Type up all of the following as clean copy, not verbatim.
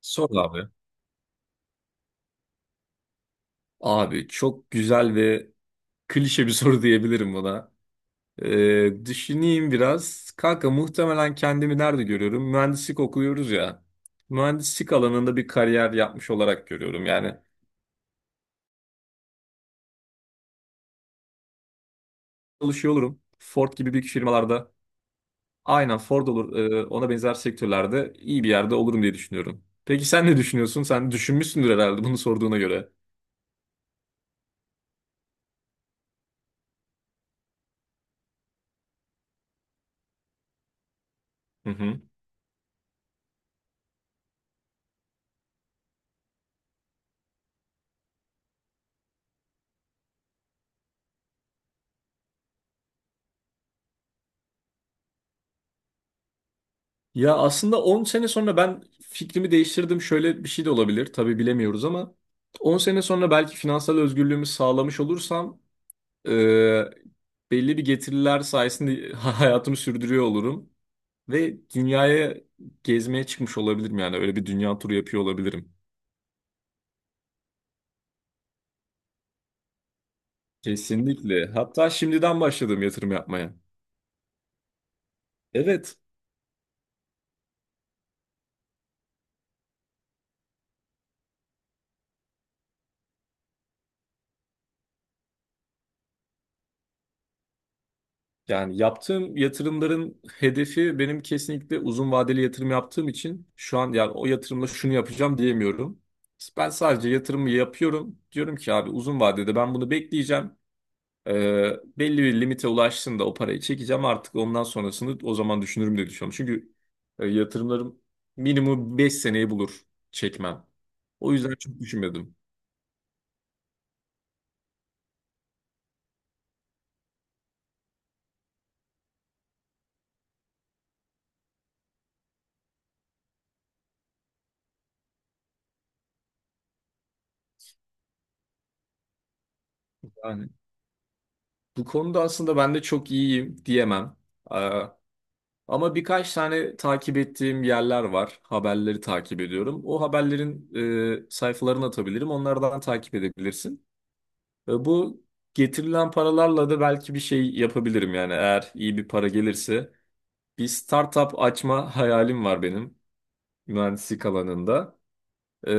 Sor abi. Abi çok güzel ve klişe bir soru diyebilirim buna. Düşüneyim biraz. Kanka muhtemelen kendimi nerede görüyorum? Mühendislik okuyoruz ya. Mühendislik alanında bir kariyer yapmış olarak görüyorum. Yani çalışıyor olurum. Ford gibi büyük firmalarda. Aynen Ford olur. Ona benzer sektörlerde iyi bir yerde olurum diye düşünüyorum. Peki sen ne düşünüyorsun? Sen düşünmüşsündür herhalde bunu sorduğuna göre. Hı hı. Ya aslında 10 sene sonra ben fikrimi değiştirdim. Şöyle bir şey de olabilir. Tabii bilemiyoruz ama 10 sene sonra belki finansal özgürlüğümü sağlamış olursam e, belli bir getiriler sayesinde hayatımı sürdürüyor olurum. Ve dünyaya gezmeye çıkmış olabilirim yani. Öyle bir dünya turu yapıyor olabilirim. Kesinlikle. Hatta şimdiden başladım yatırım yapmaya. Evet. Yani yaptığım yatırımların hedefi benim kesinlikle uzun vadeli yatırım yaptığım için şu an yani o yatırımla şunu yapacağım diyemiyorum. Ben sadece yatırımı yapıyorum. Diyorum ki abi uzun vadede ben bunu bekleyeceğim. Belli bir limite ulaştığında o parayı çekeceğim. Artık ondan sonrasını o zaman düşünürüm diye düşünüyorum. Çünkü yatırımlarım minimum 5 seneyi bulur çekmem. O yüzden çok düşünmedim. Yani bu konuda aslında ben de çok iyiyim diyemem. Ee, Ama birkaç tane takip ettiğim yerler var. Haberleri takip ediyorum. O haberlerin sayfalarını atabilirim. Onlardan takip edebilirsin. Bu getirilen paralarla da belki bir şey yapabilirim yani eğer iyi bir para gelirse. Bir startup açma hayalim var benim mühendislik alanında. E,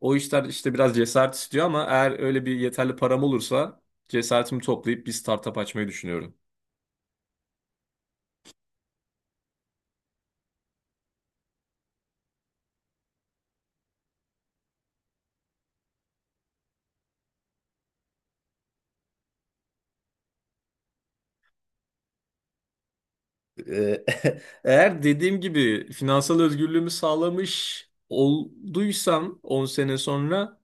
O işler işte biraz cesaret istiyor ama eğer öyle bir yeterli param olursa cesaretimi toplayıp bir startup açmayı düşünüyorum. Ee, Eğer dediğim gibi finansal özgürlüğümü sağlamış olduysam 10 sene sonra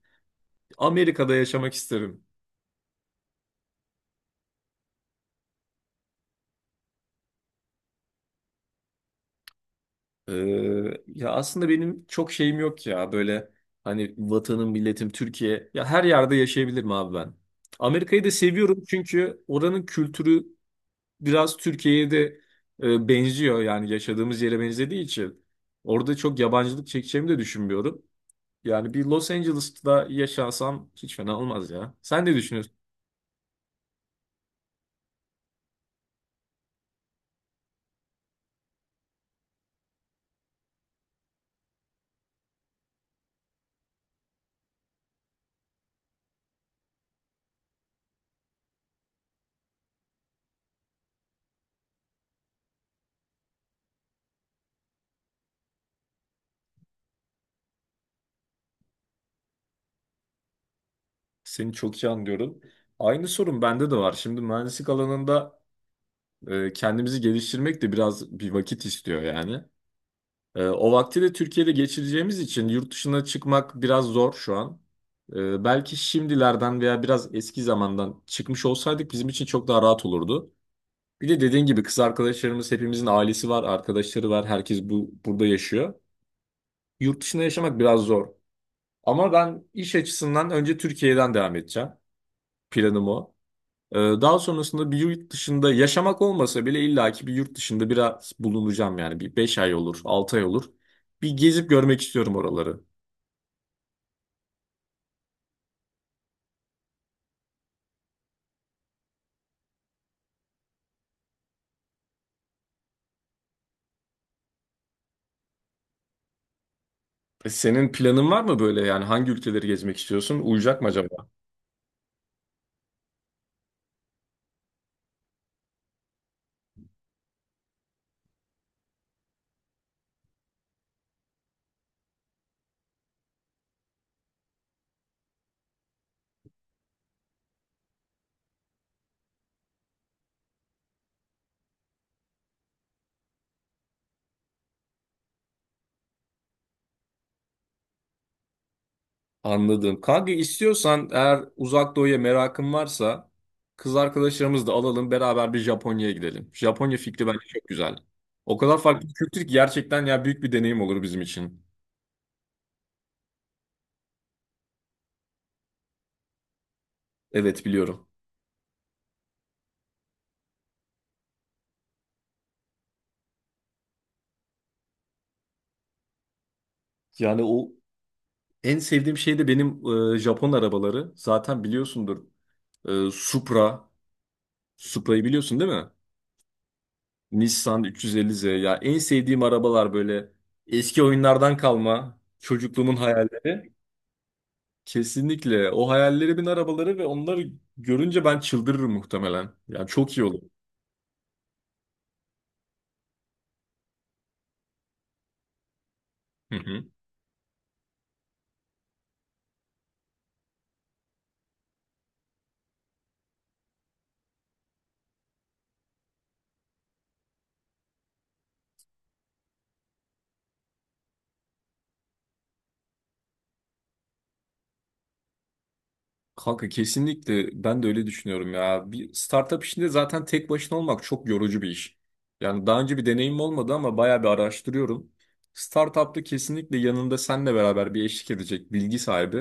Amerika'da yaşamak isterim. Ee, Ya aslında benim çok şeyim yok ya böyle hani vatanım, milletim, Türkiye. Ya her yerde yaşayabilirim abi ben. Amerika'yı da seviyorum çünkü oranın kültürü biraz Türkiye'ye de benziyor yani yaşadığımız yere benzediği için. Orada çok yabancılık çekeceğimi de düşünmüyorum. Yani bir Los Angeles'ta yaşansam hiç fena olmaz ya. Sen ne düşünüyorsun? Seni çok iyi anlıyorum. Aynı sorun bende de var. Şimdi mühendislik alanında kendimizi geliştirmek de biraz bir vakit istiyor yani. O vakti de Türkiye'de geçireceğimiz için yurt dışına çıkmak biraz zor şu an. Belki şimdilerden veya biraz eski zamandan çıkmış olsaydık bizim için çok daha rahat olurdu. Bir de dediğin gibi kız arkadaşlarımız hepimizin ailesi var, arkadaşları var. Herkes bu burada yaşıyor. Yurt dışında yaşamak biraz zor. Ama ben iş açısından önce Türkiye'den devam edeceğim. Planım o. Daha sonrasında bir yurt dışında yaşamak olmasa bile illaki bir yurt dışında biraz bulunacağım yani. Bir 5 ay olur, 6 ay olur. Bir gezip görmek istiyorum oraları. Senin planın var mı böyle yani hangi ülkeleri gezmek istiyorsun? Uyacak mı acaba? Anladım. Kanka istiyorsan eğer uzak doğuya merakın varsa kız arkadaşlarımızı da alalım beraber bir Japonya'ya gidelim. Japonya fikri bence çok güzel. O kadar farklı bir kültür ki gerçekten ya büyük bir deneyim olur bizim için. Evet biliyorum. Yani o en sevdiğim şey de benim Japon arabaları. Zaten biliyorsundur. Supra. Supra'yı biliyorsun değil mi? Nissan 350Z. Ya en sevdiğim arabalar böyle eski oyunlardan kalma çocukluğumun hayali. Kesinlikle. O hayallerimin arabaları ve onları görünce ben çıldırırım muhtemelen. Yani çok iyi olur. Hı hı. Kanka kesinlikle ben de öyle düşünüyorum ya. Bir startup işinde zaten tek başına olmak çok yorucu bir iş. Yani daha önce bir deneyim olmadı ama bayağı bir araştırıyorum. Startup'ta kesinlikle yanında seninle beraber bir eşlik edecek bilgi sahibi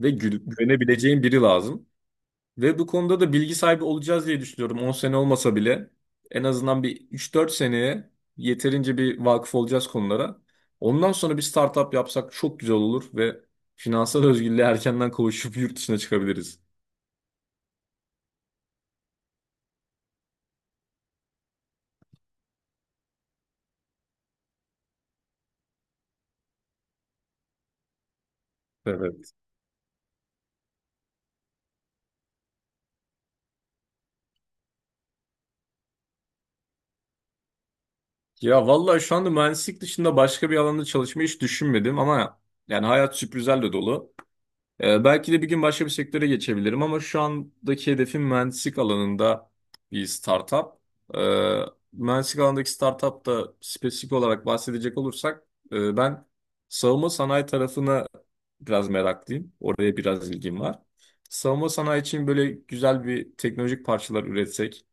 ve güvenebileceğin biri lazım. Ve bu konuda da bilgi sahibi olacağız diye düşünüyorum. 10 sene olmasa bile en azından bir 3-4 seneye yeterince bir vakıf olacağız konulara. Ondan sonra bir startup yapsak çok güzel olur ve finansal özgürlüğe erkenden kavuşup yurt dışına çıkabiliriz. Evet. Ya vallahi şu anda mühendislik dışında başka bir alanda çalışmayı hiç düşünmedim ama yani hayat sürprizlerle dolu. Belki de bir gün başka bir sektöre geçebilirim ama şu andaki hedefim mühendislik alanında bir startup. Ee, Mühendislik alanındaki startup da spesifik olarak bahsedecek olursak ben savunma sanayi tarafına biraz meraklıyım. Oraya biraz ilgim var. Savunma sanayi için böyle güzel bir teknolojik parçalar üretsek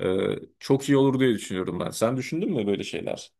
e, çok iyi olur diye düşünüyorum ben. Sen düşündün mü böyle şeyler?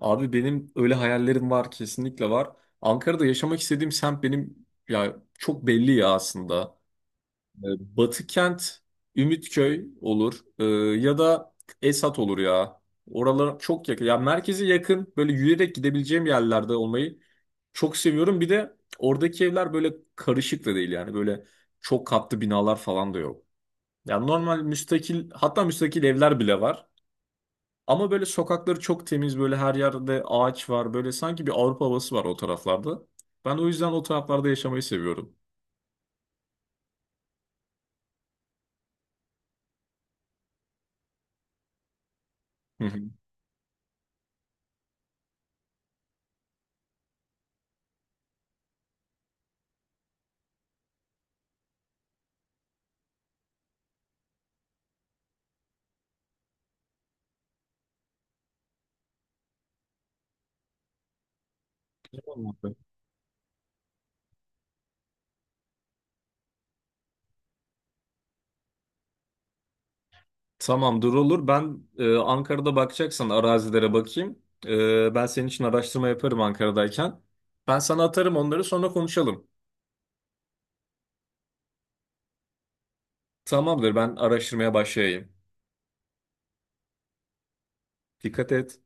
Abi benim öyle hayallerim var kesinlikle var. Ankara'da yaşamak istediğim semt benim ya çok belli ya aslında. Ee, Batı kent, Ümitköy olur. Ya da Esat olur ya. Oralar çok yakın. Ya merkeze yakın böyle yürüyerek gidebileceğim yerlerde olmayı çok seviyorum. Bir de oradaki evler böyle karışık da değil yani böyle çok katlı binalar falan da yok. Yani normal müstakil hatta müstakil evler bile var. Ama böyle sokakları çok temiz böyle her yerde ağaç var. Böyle sanki bir Avrupa havası var o taraflarda. Ben o yüzden o taraflarda yaşamayı seviyorum. Hı hı. Tamam abi. Tamamdır olur. Ben Ankara'da bakacaksan arazilere bakayım. Ben senin için araştırma yaparım Ankara'dayken. Ben sana atarım onları sonra konuşalım. Tamamdır ben araştırmaya başlayayım. Dikkat et.